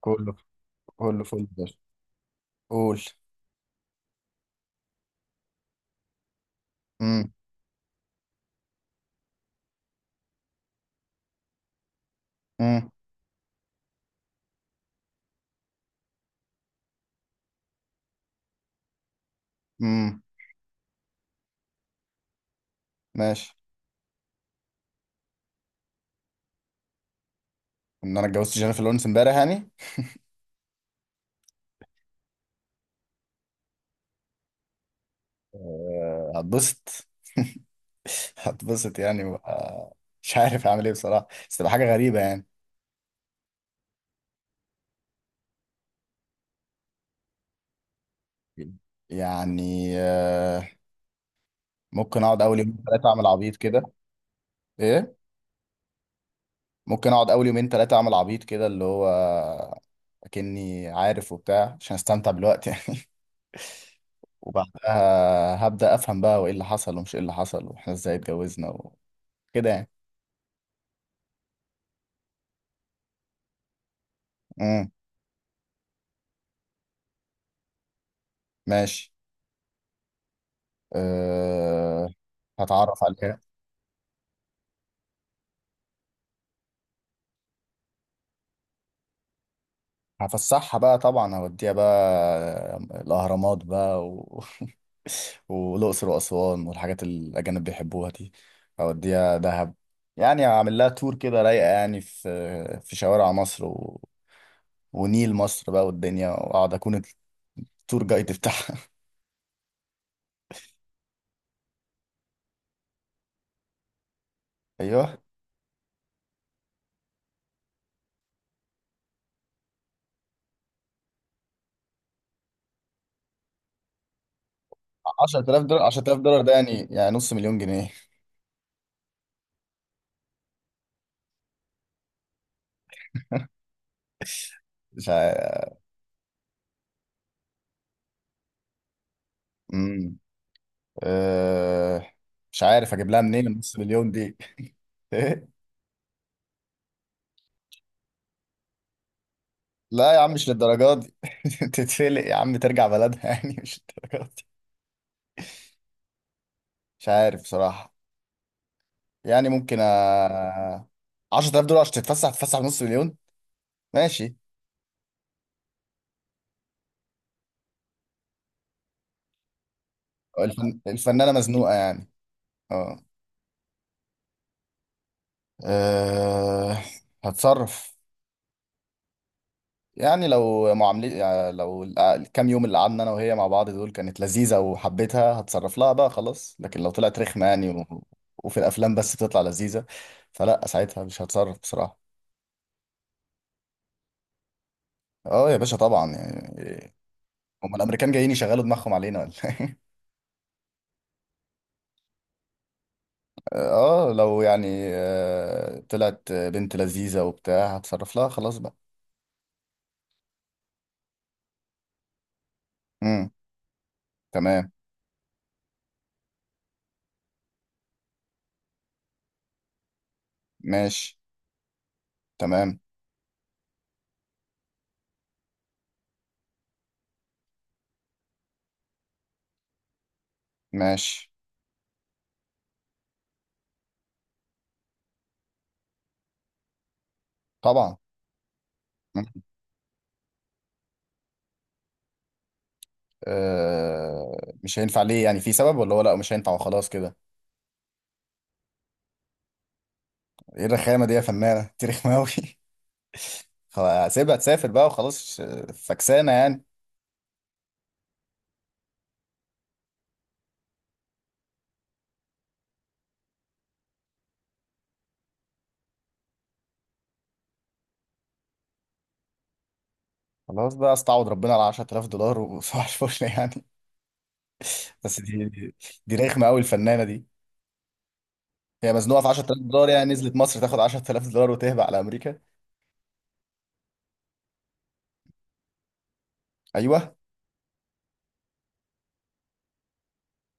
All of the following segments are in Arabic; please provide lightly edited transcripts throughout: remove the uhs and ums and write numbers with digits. كله كله فل بس. قول. امم امم امم ماشي. ان انا اتجوزت جينيفر لورنس امبارح يعني. آه، هتبسط. هتبسط يعني مش عارف اعمل ايه بصراحه، بس تبقى حاجه غريبه يعني. يعني آه، ممكن اقعد اول يومين ثلاثه اعمل عبيط كده. ايه؟ ممكن اقعد اول يومين ثلاثه اعمل عبيط كده، اللي هو اكني عارف وبتاع عشان استمتع بالوقت يعني. وبعدها هبدا افهم بقى، وايه اللي حصل ومش ايه اللي حصل واحنا ازاي اتجوزنا كده يعني. امم. ماشي. أه... هتعرف عليها. هفسحها بقى طبعا، هوديها بقى آه، الأهرامات بقى والأقصر وأسوان والحاجات اللي الأجانب بيحبوها دي. هوديها دهب. يعني هعمل لها تور كده رايقة يعني في شوارع مصر ونيل مصر بقى والدنيا، وأقعد أكون التور جايد بتاعها. أيوه. 10,000 دولار؟ 10,000 دولار ده يعني يعني نص مليون جنيه. مش عارف. أه، مش عارف اجيب لها منين النص مليون دي. إيه؟ لا يا عم، مش للدرجه دي. تتفلق يا عم، ترجع بلدها يعني، مش للدرجه دي. مش عارف بصراحه. يعني ممكن 10,000 دولار عشان تتفسح بنص مليون؟ ماشي. الفنانه مزنوقه يعني. اه. أه... هتصرف. يعني لو معاملة، يعني لو الكام يوم اللي قعدنا انا وهي مع بعض دول كانت لذيذة وحبيتها، هتصرف لها بقى خلاص. لكن لو طلعت رخمة يعني وفي الافلام بس بتطلع لذيذة، فلا، ساعتها مش هتصرف بصراحة. اه يا باشا، طبعا يعني. هم الامريكان جايين يشغلوا دماغهم علينا ولا إيه؟ اه، لو يعني آه، طلعت بنت لذيذة وبتاع، هتصرف لها خلاص بقى. امم. تمام. ماشي. تمام. ماشي. طبعا. آه، مش هينفع ليه يعني؟ في سبب، ولا هو لا مش هينفع وخلاص كده؟ ايه الرخامه دي يا فنانه تاريخ ماوي؟ هسيبها تسافر بقى وخلاص. آه، فكسانه يعني. خلاص بقى، استعوض ربنا على 10,000 دولار، وصباح الفل يعني. بس دي رخمه قوي الفنانه دي. هي مزنوقه في 10,000 دولار، يعني نزلت مصر تاخد 10,000 دولار وتهبى على امريكا. ايوه.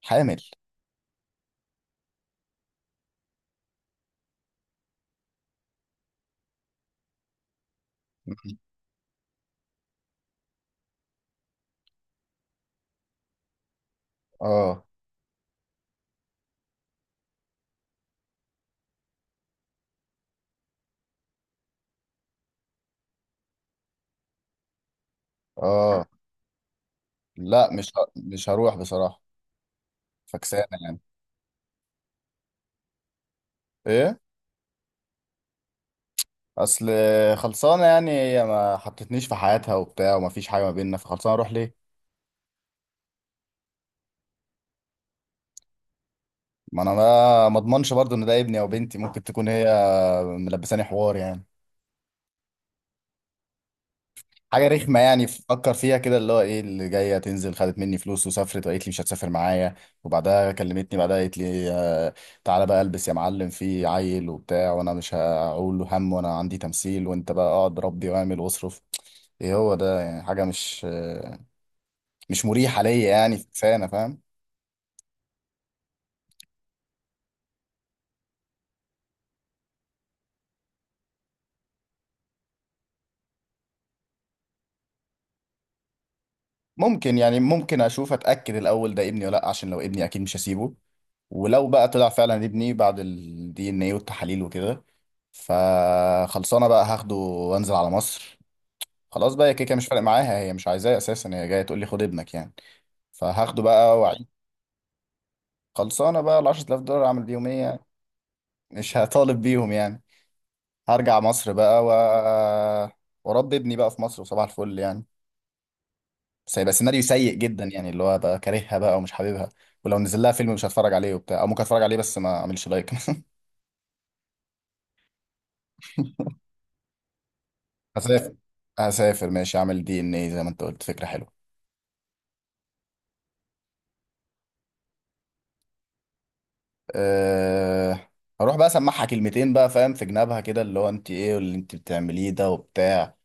حامل. اه. اه، لا، مش هروح بصراحه. فكسانه يعني. ايه؟ اصل خلصانه يعني. هي ما حطتنيش في حياتها وبتاع، وما فيش حاجه ما بيننا، فخلصانه، اروح ليه؟ ما انا ما اضمنش برضو ان ده ابني او بنتي، ممكن تكون هي ملبساني حوار يعني. حاجه رخمه يعني، فكر فيها كده، اللي هو ايه اللي جايه تنزل، خدت مني فلوس وسافرت وقالت لي مش هتسافر معايا، وبعدها كلمتني بعدها قالت لي آه، تعالى بقى البس يا معلم في عيل وبتاع، وانا مش هقول له هم وانا عندي تمثيل، وانت بقى اقعد ربي واعمل واصرف. ايه هو ده يعني؟ حاجه مش آه، مش مريحه ليا يعني، فانا فاهم. ممكن يعني، ممكن اشوف اتاكد الاول ده ابني ولا لا، عشان لو ابني اكيد مش هسيبه. ولو بقى طلع فعلا ابني بعد الدي ان ايه والتحاليل وكده، فخلصانه بقى، هاخده وانزل على مصر. خلاص بقى، هي كيكه مش فارق معاها، هي مش عايزاه اساسا، هي جايه تقول لي خد ابنك يعني، فهاخده بقى وعيد. خلصانه بقى، ال 10,000 دولار اعمل بيهم ايه يعني؟ مش هطالب بيهم يعني. هرجع مصر بقى واربي ابني بقى في مصر، وصباح الفل يعني. بس هيبقى سيناريو سيء جدا، يعني اللي هو بقى كارهها بقى ومش حاببها. ولو نزل لها فيلم مش هتفرج عليه وبتاع، او ممكن اتفرج عليه بس ما اعملش لايك. هسافر. هسافر، ماشي، اعمل دي ان اي زي ما انت قلت، فكره حلوه. أه... هروح بقى اسمعها كلمتين بقى فاهم، في جنابها كده اللي هو انت ايه، واللي انت بتعمليه ده وبتاع،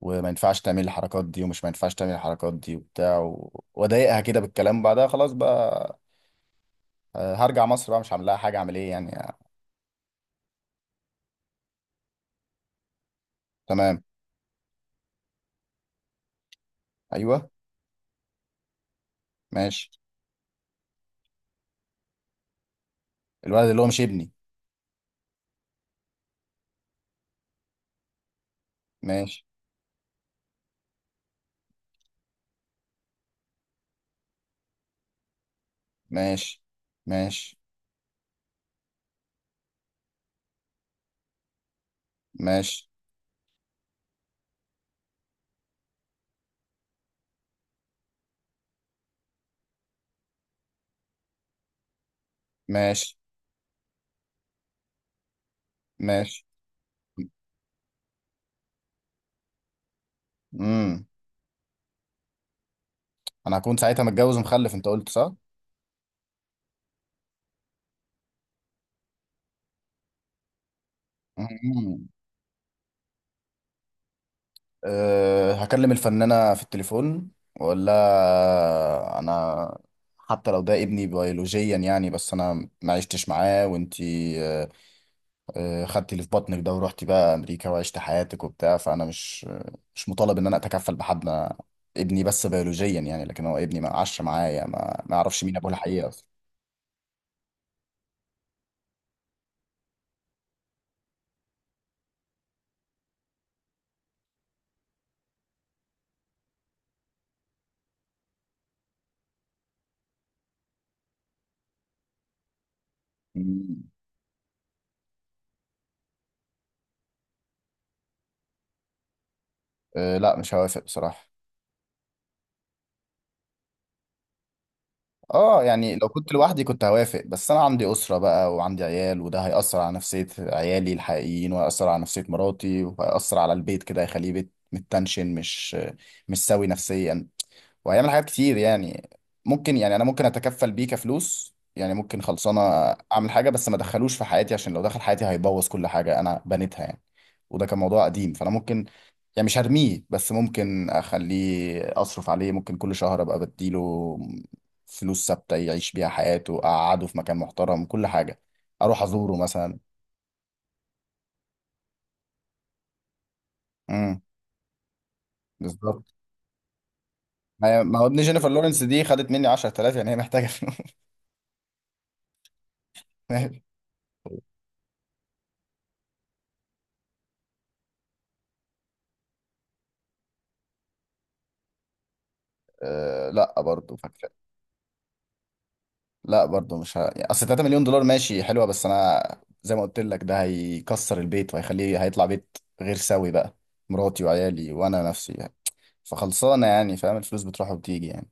وما ينفعش تعمل الحركات دي ومش ما ينفعش تعمل الحركات دي وبتاع، واضايقها كده بالكلام، بعدها خلاص بقى آه، هرجع مصر بقى، مش هعمل لها حاجه، اعمل ايه يعني آه. تمام. ايوه. ماشي. الولد اللي هو مش ابني. ماشي. ماشي. ماشي. ماشي. ماشي. ماشي. امم. انا هكون ساعتها متجوز ومخلف، انت قلت صح. مم. أه، هكلم الفنانة في التليفون واقول لها انا حتى لو ده ابني بيولوجيا يعني، بس انا ما عشتش معاه وانتي أه آه، خدتي اللي في بطنك ده ورحتي بقى امريكا وعشت حياتك وبتاع، فانا مش مطالب ان انا اتكفل بحد. أنا ابني بس بيولوجيا يعني، لكن هو ابني ما عاش معايا، ما يعرفش مين ابوه الحقيقي اصلا. أه لا، مش هوافق بصراحة. اه يعني لو كنت لوحدي كنت هوافق، بس انا عندي اسرة بقى وعندي عيال، وده هيأثر على نفسية عيالي الحقيقيين، وهيأثر على نفسية مراتي، وهيأثر على البيت كده، هيخليه بيت متنشن، مش سوي نفسيا. وهيعمل حاجات كتير يعني. ممكن يعني انا ممكن اتكفل بيه كفلوس يعني، ممكن خلصانه اعمل حاجه، بس ما ادخلوش في حياتي، عشان لو دخل حياتي هيبوظ كل حاجه انا بنيتها يعني. وده كان موضوع قديم، فانا ممكن يعني، مش هرميه، بس ممكن اخليه اصرف عليه. ممكن كل شهر ابقى بديله فلوس ثابته يعيش بيها حياته، اقعده في مكان محترم، كل حاجه، اروح ازوره مثلا. امم. بالظبط. ما هو ابن جينيفر لورنس دي خدت مني 10,000 يعني، هي محتاجه فلوس. ماشي. آه، لا برضه. لا برضو مش ه... يعني اصل 3 مليون دولار ماشي حلوة، بس انا زي ما قلت لك، ده هيكسر البيت، وهيخليه هيطلع بيت غير سوي بقى، مراتي وعيالي وانا نفسي يعني. فخلصانة يعني، فاهم، الفلوس بتروح وبتيجي يعني.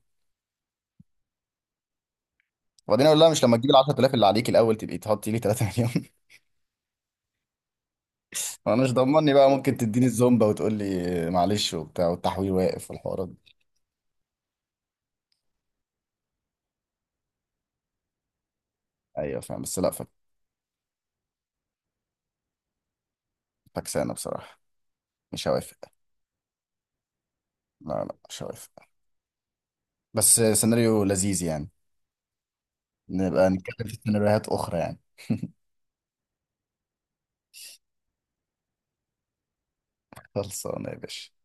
وبعدين اقول لها مش لما تجيب ال 10,000 اللي عليك الاول، تبقي تحطي لي 3 مليون. وانا مش ضمني بقى، ممكن تديني الزومبا وتقول لي معلش وبتاع، والتحويل واقف والحوارات دي. ايوه فاهم، بس لا فكسانة بصراحة. مش هوافق. لا لا، مش هوافق. بس سيناريو لذيذ يعني، نبقى نتكلم في سيناريوهات اخرى يعني. خلصانة يا باشا.